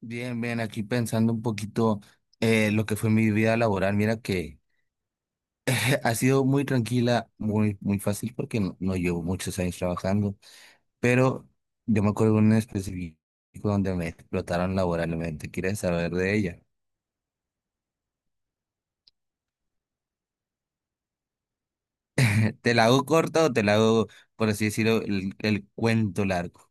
Bien, bien, aquí pensando un poquito lo que fue mi vida laboral. Mira que ha sido muy tranquila, muy, muy fácil porque no, no llevo muchos años trabajando, pero yo me acuerdo de un específico donde me explotaron laboralmente. ¿Quieres saber de ella? ¿Te la hago corta o te la hago, por así decirlo, el cuento largo?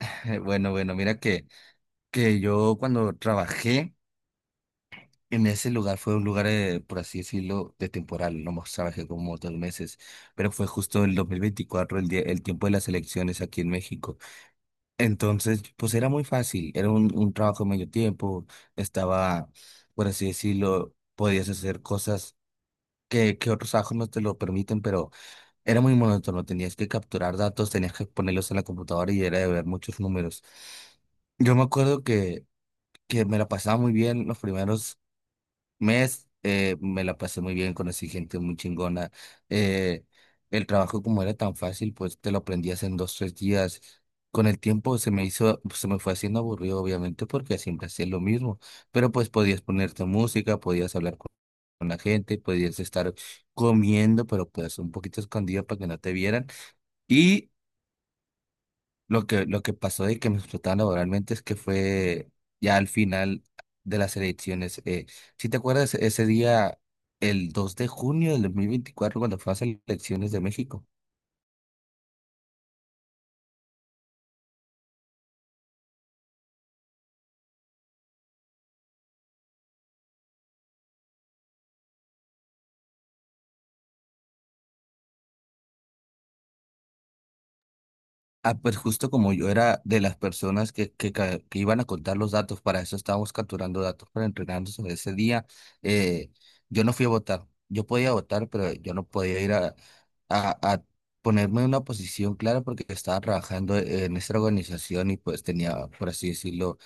Bueno, bueno, mira que, yo cuando trabajé... En ese lugar fue un lugar, por así decirlo, de temporal, no más trabajé como 2 meses, pero fue justo el 2024, el día, el tiempo de las elecciones aquí en México. Entonces, pues era muy fácil, era un trabajo de medio tiempo, estaba, por así decirlo, podías hacer cosas que, otros trabajos no te lo permiten, pero era muy monótono, tenías que capturar datos, tenías que ponerlos en la computadora y era de ver muchos números. Yo me acuerdo que, me la pasaba muy bien los primeros mes, me la pasé muy bien, conocí gente muy chingona. eh, el trabajo como era tan fácil, pues te lo aprendías en dos, tres días. Con el tiempo se me hizo, pues, se me fue haciendo aburrido, obviamente, porque siempre hacía lo mismo. Pero pues podías ponerte música, podías hablar con la gente, podías estar comiendo, pero pues un poquito escondido para que no te vieran. Lo que, pasó y que me explotaban laboralmente es que fue ya al final de las elecciones. ¿ Si te acuerdas ese día, el 2 de junio de 2024, cuando fue las elecciones de México? Ah, pues justo como yo era de las personas que, que iban a contar los datos, para eso estábamos capturando datos para entrenarnos sobre ese día. eh, yo no fui a votar. Yo podía votar, pero yo no podía ir a, a, a ponerme en una posición clara porque estaba trabajando en esta organización y pues tenía, por así decirlo,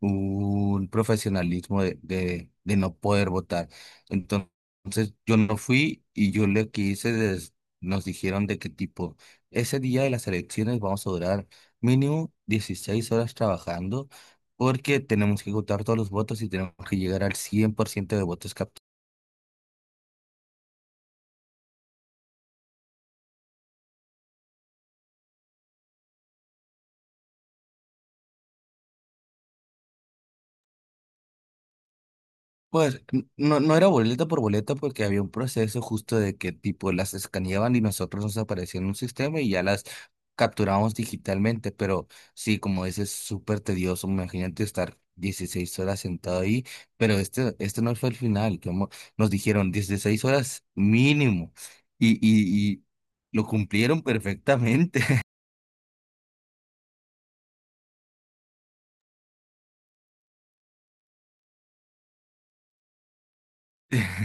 un profesionalismo de, no poder votar. Entonces, yo no fui y yo le que des- nos dijeron de qué tipo, ese día de las elecciones vamos a durar mínimo 16 horas trabajando porque tenemos que contar todos los votos y tenemos que llegar al 100% de votos. Pues no, no era boleta por boleta porque había un proceso justo de que tipo las escaneaban y nosotros nos aparecían en un sistema y ya las capturábamos digitalmente, pero sí, como dices, súper tedioso, imagínate estar 16 horas sentado ahí, pero este no fue el final, como nos dijeron 16 horas mínimo y lo cumplieron perfectamente.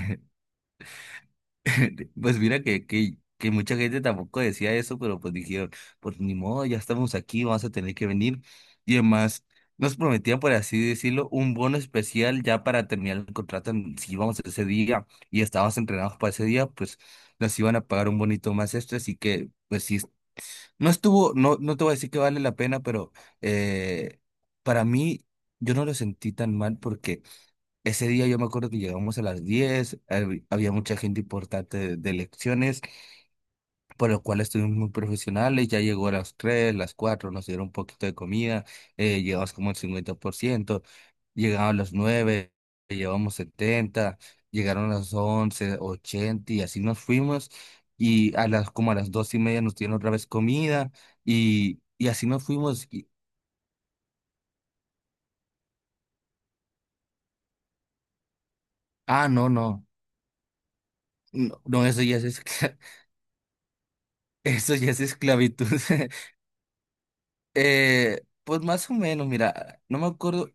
Pues mira que, mucha gente tampoco decía eso, pero pues dijeron, pues ni modo, ya estamos aquí, vamos a tener que venir. Y además nos prometían, por así decirlo, un bono especial ya para terminar el contrato si íbamos ese día y estábamos entrenados para ese día, pues nos iban a pagar un bonito más extra, así que pues sí, no estuvo, no, no te voy a decir que vale la pena, pero eh, para mí yo no lo sentí tan mal porque... Ese día yo me acuerdo que llegamos a las 10, había mucha gente importante de elecciones, por lo cual estuvimos muy profesionales. Ya llegó a las 3, las 4 nos dieron un poquito de comida. Llegamos como al 50%, llegaron a las 9, llevamos 70, llegaron a las 11, 80, y así nos fuimos, y a las, como a las 2:30, nos dieron otra vez comida y así nos fuimos. Ah, no, no, no, no, eso ya es, escla- eso ya es esclavitud. Pues más o menos, mira, no me acuerdo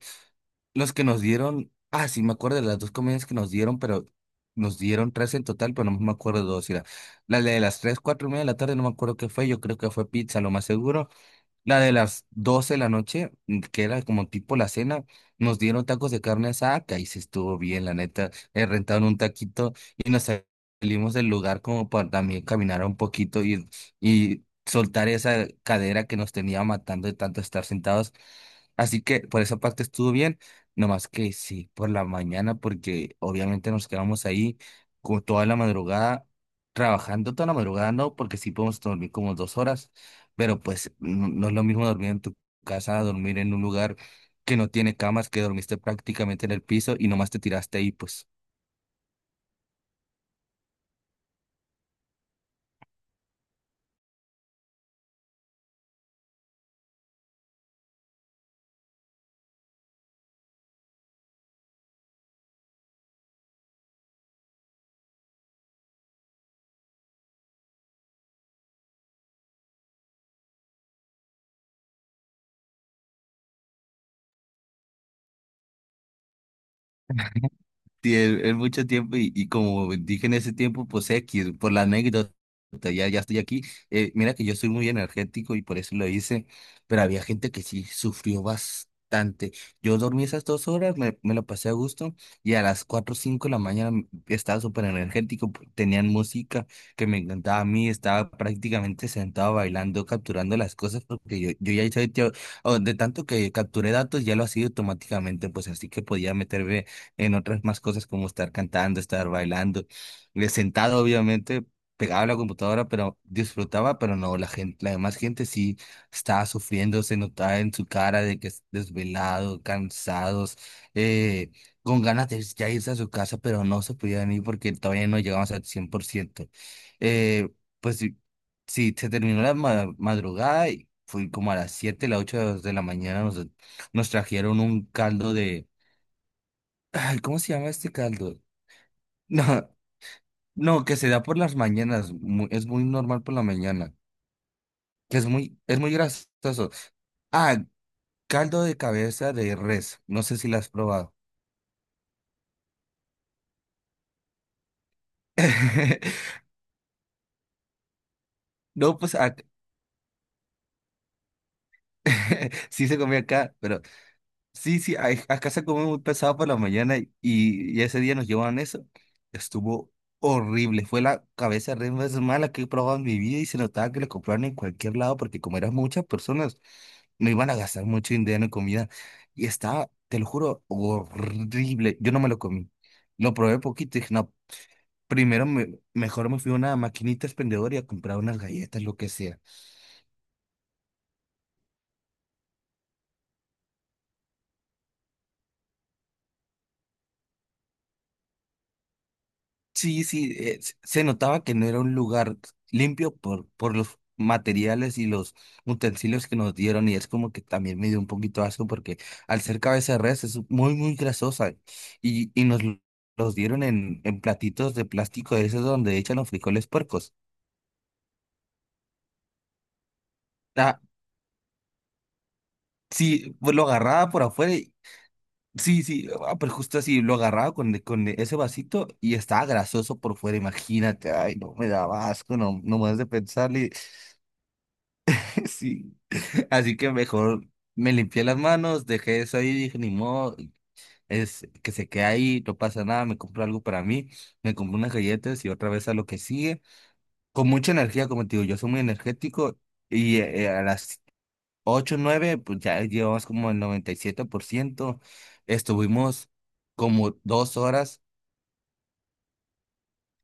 los que nos dieron, ah, sí, me acuerdo de las dos comidas que nos dieron, pero nos dieron tres en total, pero no me acuerdo de dos. Mira, la de las 3, 4:30 de la tarde, no me acuerdo qué fue, yo creo que fue pizza, lo más seguro. La de las 12 de la noche, que era como tipo la cena, nos dieron tacos de carne asada, que ahí sí estuvo bien, la neta. Rentaron un taquito y nos salimos del lugar como para también caminar un poquito y soltar esa cadera que nos tenía matando de tanto estar sentados. Así que por esa parte estuvo bien, nomás que sí, por la mañana, porque obviamente nos quedamos ahí con toda la madrugada, trabajando toda la madrugada, no, porque sí podemos dormir como 2 horas, pero pues no, no es lo mismo dormir en tu casa a dormir en un lugar que no tiene camas, que dormiste prácticamente en el piso y nomás te tiraste ahí, pues. Sí, es mucho tiempo y como dije en ese tiempo, pues X, por la anécdota, ya, ya estoy aquí. Mira que yo soy muy energético y por eso lo hice, pero había gente que sí sufrió bastante. Yo dormí esas 2 horas, me lo pasé a gusto, y a las 4 o 5 de la mañana estaba súper energético. Tenían música que me encantaba a mí, estaba prácticamente sentado bailando, capturando las cosas, porque yo ya hice, o de tanto que capturé datos, ya lo hacía automáticamente, pues, así que podía meterme en otras más cosas como estar cantando, estar bailando, sentado obviamente, pegado a la computadora, pero disfrutaba. Pero no, la gente, la demás gente sí estaba sufriendo, se notaba en su cara de que es desvelado, cansados, eh, con ganas de ya irse a su casa, pero no se podían ir porque todavía no llegamos al 100%. Eh, pues sí, sí, se terminó la madrugada y fui como a las 7, las 8 de la mañana, nos trajeron un caldo. Ay, ¿cómo se llama este caldo? No, no, que se da por las mañanas. Es muy normal por la mañana. Que es muy grasoso. Ah, caldo de cabeza de res. No sé si lo has probado. No, pues sí se come acá, pero... Sí, sí, acá se come muy pesado por la mañana, y ese día nos llevaban eso. Estuvo horrible, fue la cabeza re más mala que he probado en mi vida y se notaba que la compraban en cualquier lado porque como eran muchas personas, no iban a gastar mucho dinero en comida y estaba, te lo juro, horrible. Yo no me lo comí, lo probé poquito y dije, no, primero mejor me fui a una maquinita expendedora y a comprar unas galletas, lo que sea. Sí, sí, se notaba que no era un lugar limpio por, los materiales y los utensilios que nos dieron, y es como que también me dio un poquito asco porque al ser cabeza de res es muy, muy grasosa y los dieron en, platitos de plástico, de esos donde echan los frijoles puercos. Ah, sí, pues lo agarraba por afuera sí, sí, ah, pero justo así, lo agarraba con ese vasito y estaba grasoso por fuera, imagínate, ay, no, me daba asco, no, no más de pensarle, sí. Así que mejor me limpié las manos, dejé eso ahí, dije, ni modo, es que se quede ahí, no pasa nada, me compro algo para mí, me compro unas galletas y otra vez a lo que sigue. Con mucha energía, como te digo, yo soy muy energético, y a las ocho, nueve, pues ya llevamos como el 97%. Estuvimos como 2 horas.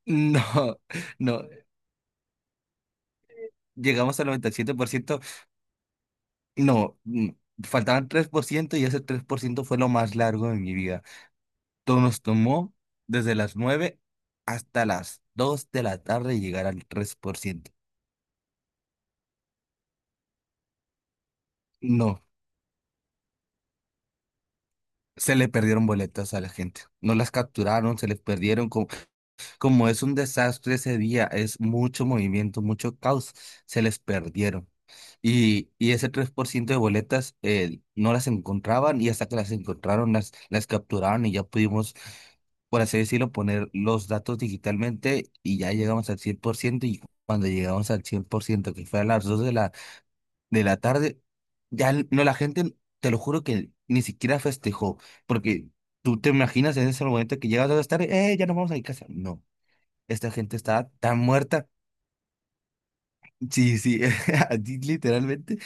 No, no, llegamos al 97%. No, faltaban 3% y ese 3% fue lo más largo de mi vida. Nos tomó desde las 9 hasta las 2 de la tarde llegar al 3%. No, se le perdieron boletas a la gente. No las capturaron, se les perdieron. Como, como es un desastre ese día, es mucho movimiento, mucho caos, se les perdieron. Y ese 3% de boletas, no las encontraban, y hasta que las encontraron, las capturaron y ya pudimos, por así decirlo, poner los datos digitalmente y ya llegamos al 100%, y cuando llegamos al cien por ciento, que fue a las 2 de la tarde, ya no, la gente, te lo juro que ni siquiera festejó, porque tú te imaginas en ese momento que llegas a las tarde, ya nos vamos a mi casa. No, esta gente estaba tan muerta. Sí, sí, así literalmente,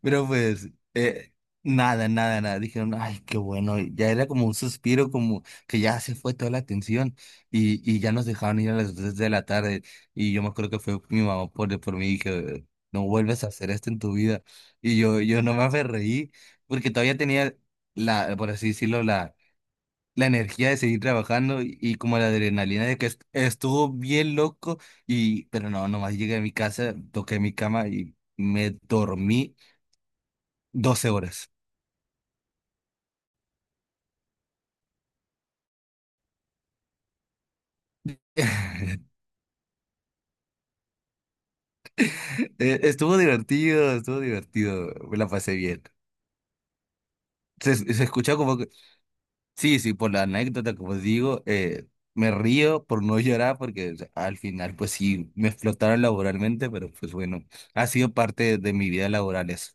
pero pues, eh, nada, nada, nada. Dijeron, ay, qué bueno. Y ya era como un suspiro, como que ya se fue toda la atención. Y ya nos dejaron ir a las 3 de la tarde. Y yo me acuerdo que fue mi mamá por mí y que no vuelves a hacer esto en tu vida. Y yo no me aferreí, porque todavía tenía la, por así decirlo, la energía de seguir trabajando, y como la adrenalina de que estuvo bien loco. Pero no, nomás llegué a mi casa, toqué mi cama y me dormí 12 horas. Estuvo divertido, me la pasé bien. Se escuchó como que, sí, sí, por la anécdota, como digo, me río por no llorar porque, o sea, al final, pues sí, me explotaron laboralmente, pero pues bueno, ha sido parte de mi vida laboral eso.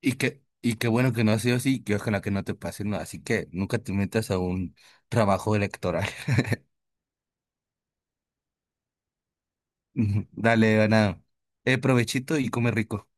Y qué bueno que no ha sido así, que ojalá que no te pase, ¿no? Así que nunca te metas a un trabajo electoral. Dale, Ana, provechito y come rico.